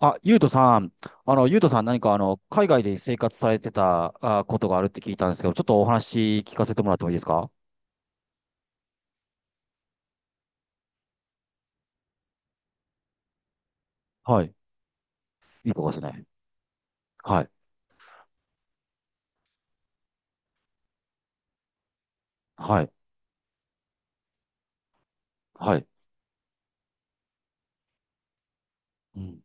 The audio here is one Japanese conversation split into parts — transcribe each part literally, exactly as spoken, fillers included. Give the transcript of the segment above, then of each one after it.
あ、ゆうとさん、あの、ゆうとさん何かあの、海外で生活されてたあことがあるって聞いたんですけど、ちょっとお話聞かせてもらってもいいですか？はい。いいとこですね。はい。はい。はい。うん。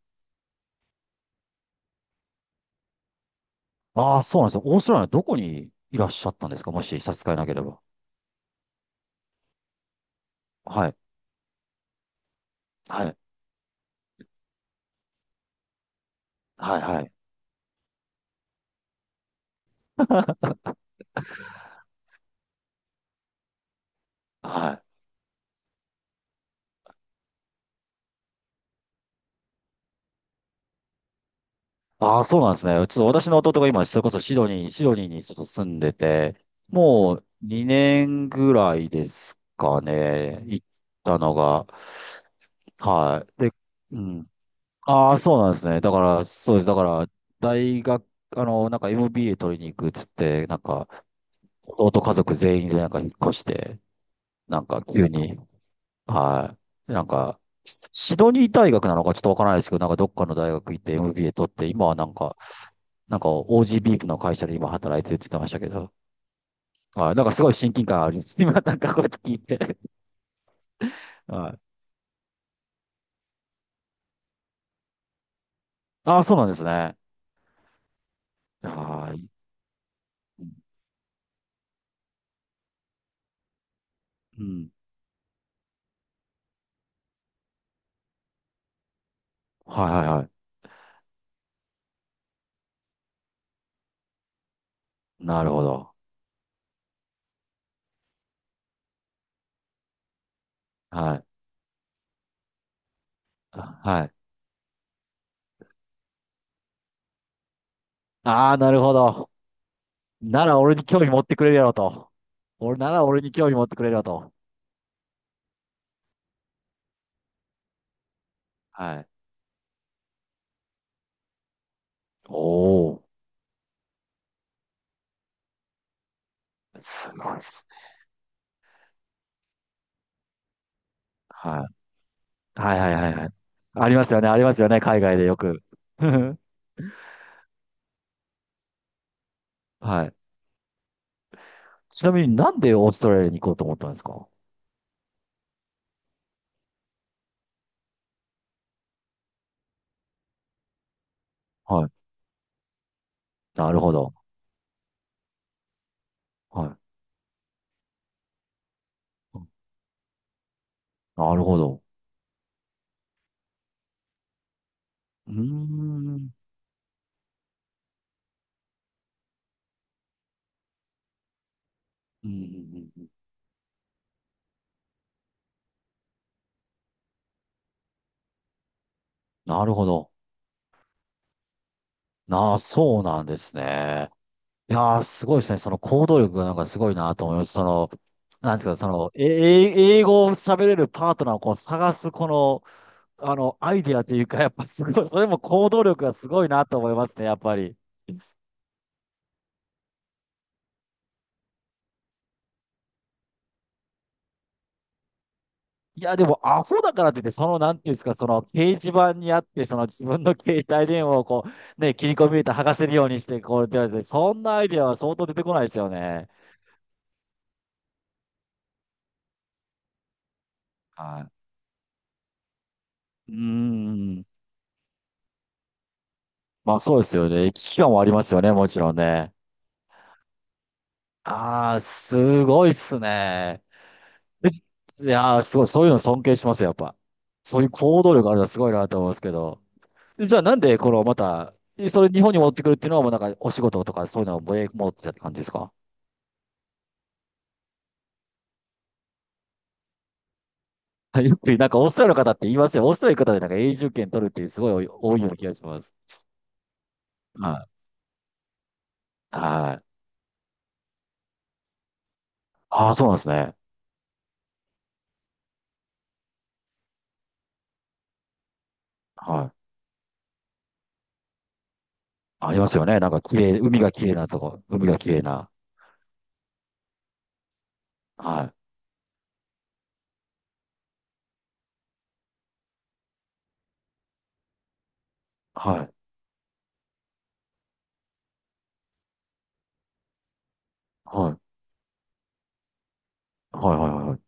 ああ、そうなんですよ。オーストラリアのどこにいらっしゃったんですか？もし差し支えなければ。はい。はい。はい。はい。はい。ああ、そうなんですね。ちょっと私の弟が今、それこそシドニー、シドニーにちょっと住んでて、もうにねんぐらいですかね。行ったのが。はい。で、うん。ああ、そうなんですね。だから、そうです。だから、大学、あの、なんか エムビーエー 取りに行くっつって、なんか、弟家族全員でなんか引っ越して、なんか急に。はい。なんか、シシドニー大学なのかちょっとわからないですけど、なんかどっかの大学行って エムビーエー 取って、今はなんか、なんか オージービー の会社で今働いてるって言ってましたけど、はい。なんかすごい親近感あります。今なんかこうやって聞いて。はい。ああ、そうなんですね。はい。うん。はい、はい、はい。なるほど。はい。あ、はい。ああ、なるほど。なら俺に興味持ってくれるやろと。俺なら俺に興味持ってくれるやろと。はい。おお。すごいですね。はい。はい、はい、はい、はい。ありますよね、ありますよね、海外でよく。はい。ちなみになんでオーストラリアに行こうと思ったんですか？はい。なるほど。はい。なるほど。うーん。うん、うん、うん、うん。なるほど。なあ、そうなんですね。いやー、すごいですね。その行動力がなんかすごいなと思います。その、なんですか、その、え、え英語を喋れるパートナーをこう探す、この、あの、アイデアというか、やっぱすごい、それも行動力がすごいなと思いますね、やっぱり。いや、でも、アホだからといって、その、なんていうんですか、その、掲示板にあって、その、自分の携帯電話をこう、ね、切り込み入れて剥がせるようにして、こう、って言われて、そんなアイデアは相当出てこないですよね。はい。うーん。まあ、そうですよね。危機感はありますよね、もちろんね。ああ、すごいっすね。えいやー、すごい、そういうの尊敬します、やっぱ。そういう行動力あるのはすごいなと思うんですけど。でじゃあ、なんで、この、また、えそれ日本に持ってくるっていうのは、もうなんか、お仕事とか、そういうのを持持ってたって感じですか？はい。 よく、なんか、オーストラリアの方って言いますよ。オーストラリアの方で、なんか、永住権取るっていう、すごい多いような気がします。はい。はい。ああ、そうなんですね。はい。ありますよね。なんか、綺麗、海が綺麗なとこ。海が綺麗な。はい。はい。はい。はい、はい、はい。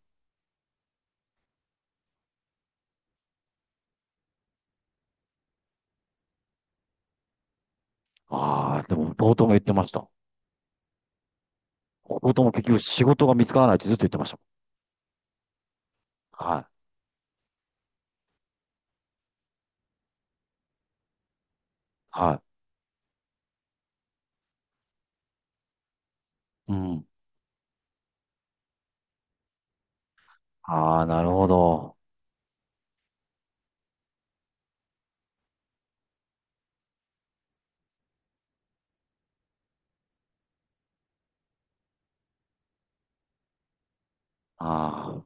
ああ、でも、冒頭も言ってました。仕事も結局仕事が見つからないってずっと言ってましたもん。はい。はい。うん。ああ、なるほど。あ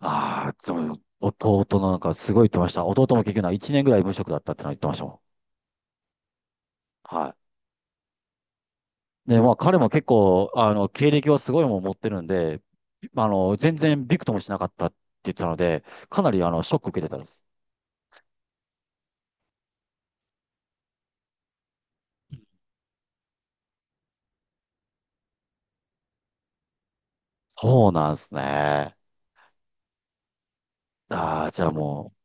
あ。ああ、そう、弟のなんかすごい言ってました。弟も結局ないちねんぐらい無職だったってのは言ってましたもん。はい。で、まあ彼も結構、あの、経歴はすごいもん持ってるんで、あの、全然びくともしなかったって言ってたので、かなりあの、ショック受けてたんです。そうなんですね。ああ、じゃあもう。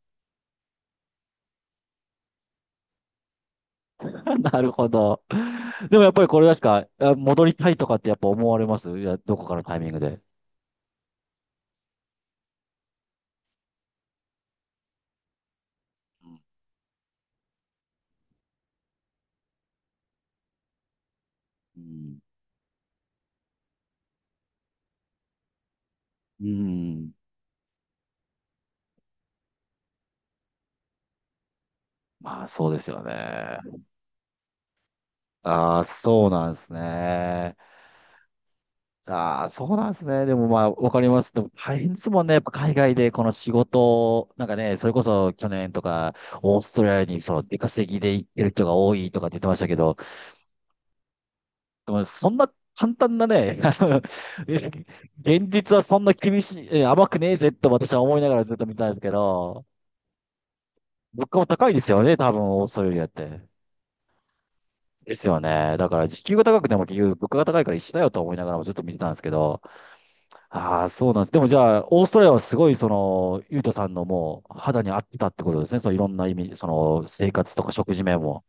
なるほど。でもやっぱりこれですか、あ、戻りたいとかってやっぱ思われます？いや、どこかのタイミングで。うん。うん。まあそうですよね。ああ、そうなんですね。ああ、そうなんですね。でもまあ、わかります。でも大変ですもんね。やっぱ海外でこの仕事を、なんかね、それこそ去年とか、オーストラリアにその出稼ぎで行ってる人が多いとかって言ってましたけど、でもそんな簡単なね、あのえ現実はそんな厳しい、え甘くねえぜと私は思いながらずっと見てたんですけど、物価も高いですよね、多分、オーストラリアって。ですよね。だから、時給が高くても結局物価が高いから一緒だよと思いながらもずっと見てたんですけど、ああ、そうなんです。でもじゃあ、オーストラリアはすごい、その、ゆうとさんのもう肌に合ってたってことですね。そういろんな意味、その、生活とか食事面も。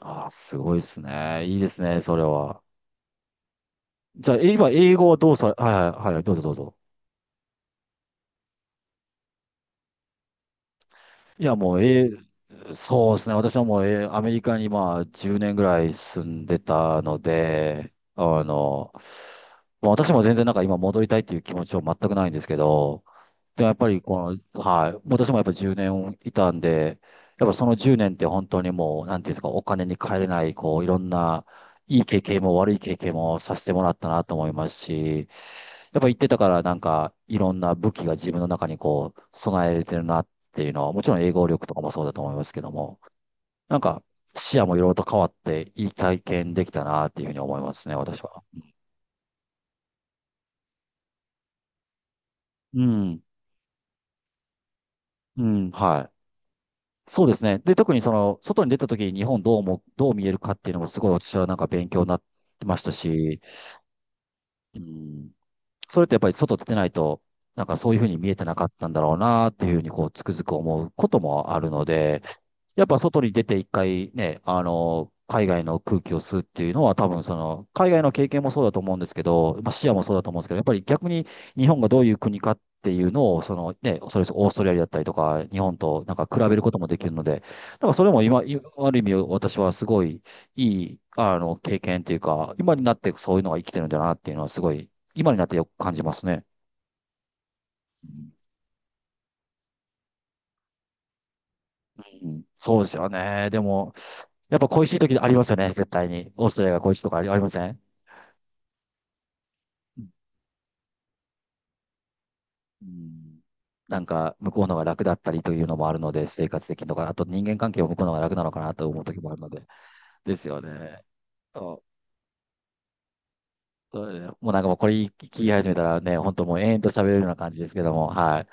ああ、すごいですね。いいですね、それは。じゃあ、え今、英語はどうされ、はい。はい、はい、どうぞどうぞ。いや、もう、えーそうですね。私はもう、えーアメリカにまあ、じゅうねんぐらい住んでたので、あの、まあ私も全然なんか今戻りたいっていう気持ちは全くないんですけど、で、やっぱりこの、はい、私もやっぱじゅうねんいたんで、やっぱそのじゅうねんって本当にもう、なんていうんですか、お金に換えれない、こう、いろんな、いい経験も悪い経験もさせてもらったなと思いますし、やっぱ行ってたからなんか、いろんな武器が自分の中にこう、備えれてるなっていうのは、もちろん英語力とかもそうだと思いますけども、なんか、視野もいろいろと変わって、いい体験できたなっていうふうに思いますね、私は。うん、うん、はい。そうですね。で、特にその、外に出た時に日本どうも、どう見えるかっていうのもすごい私はなんか勉強になってましたし、うん、それってやっぱり外出てないと、なんかそういうふうに見えてなかったんだろうなっていうふうにこう、つくづく思うこともあるので、やっぱ外に出て一回ね、あの、海外の空気を吸うっていうのは多分その、海外の経験もそうだと思うんですけど、まあ視野もそうだと思うんですけど、やっぱり逆に日本がどういう国かっていうのを、そのね、それこそオーストラリアだったりとか、日本となんか比べることもできるので、なんかそれも今、いある意味私はすごいいい、あの、経験っていうか、今になってそういうのが生きてるんだなっていうのはすごい、今になってよく感じますね。うん、そうですよね。でも、やっぱ恋しい時ありますよね、絶対に。オーストラリアが恋しいとかあり、ありません？うん。なんか、向こうのが楽だったりというのもあるので、生活的とか、あと人間関係を向こうのが楽なのかなと思う時もあるので、ですよね。そうそう、ね。もうなんかもうこれ聞き始めたらね、本当もう延々と喋れるような感じですけども、はい。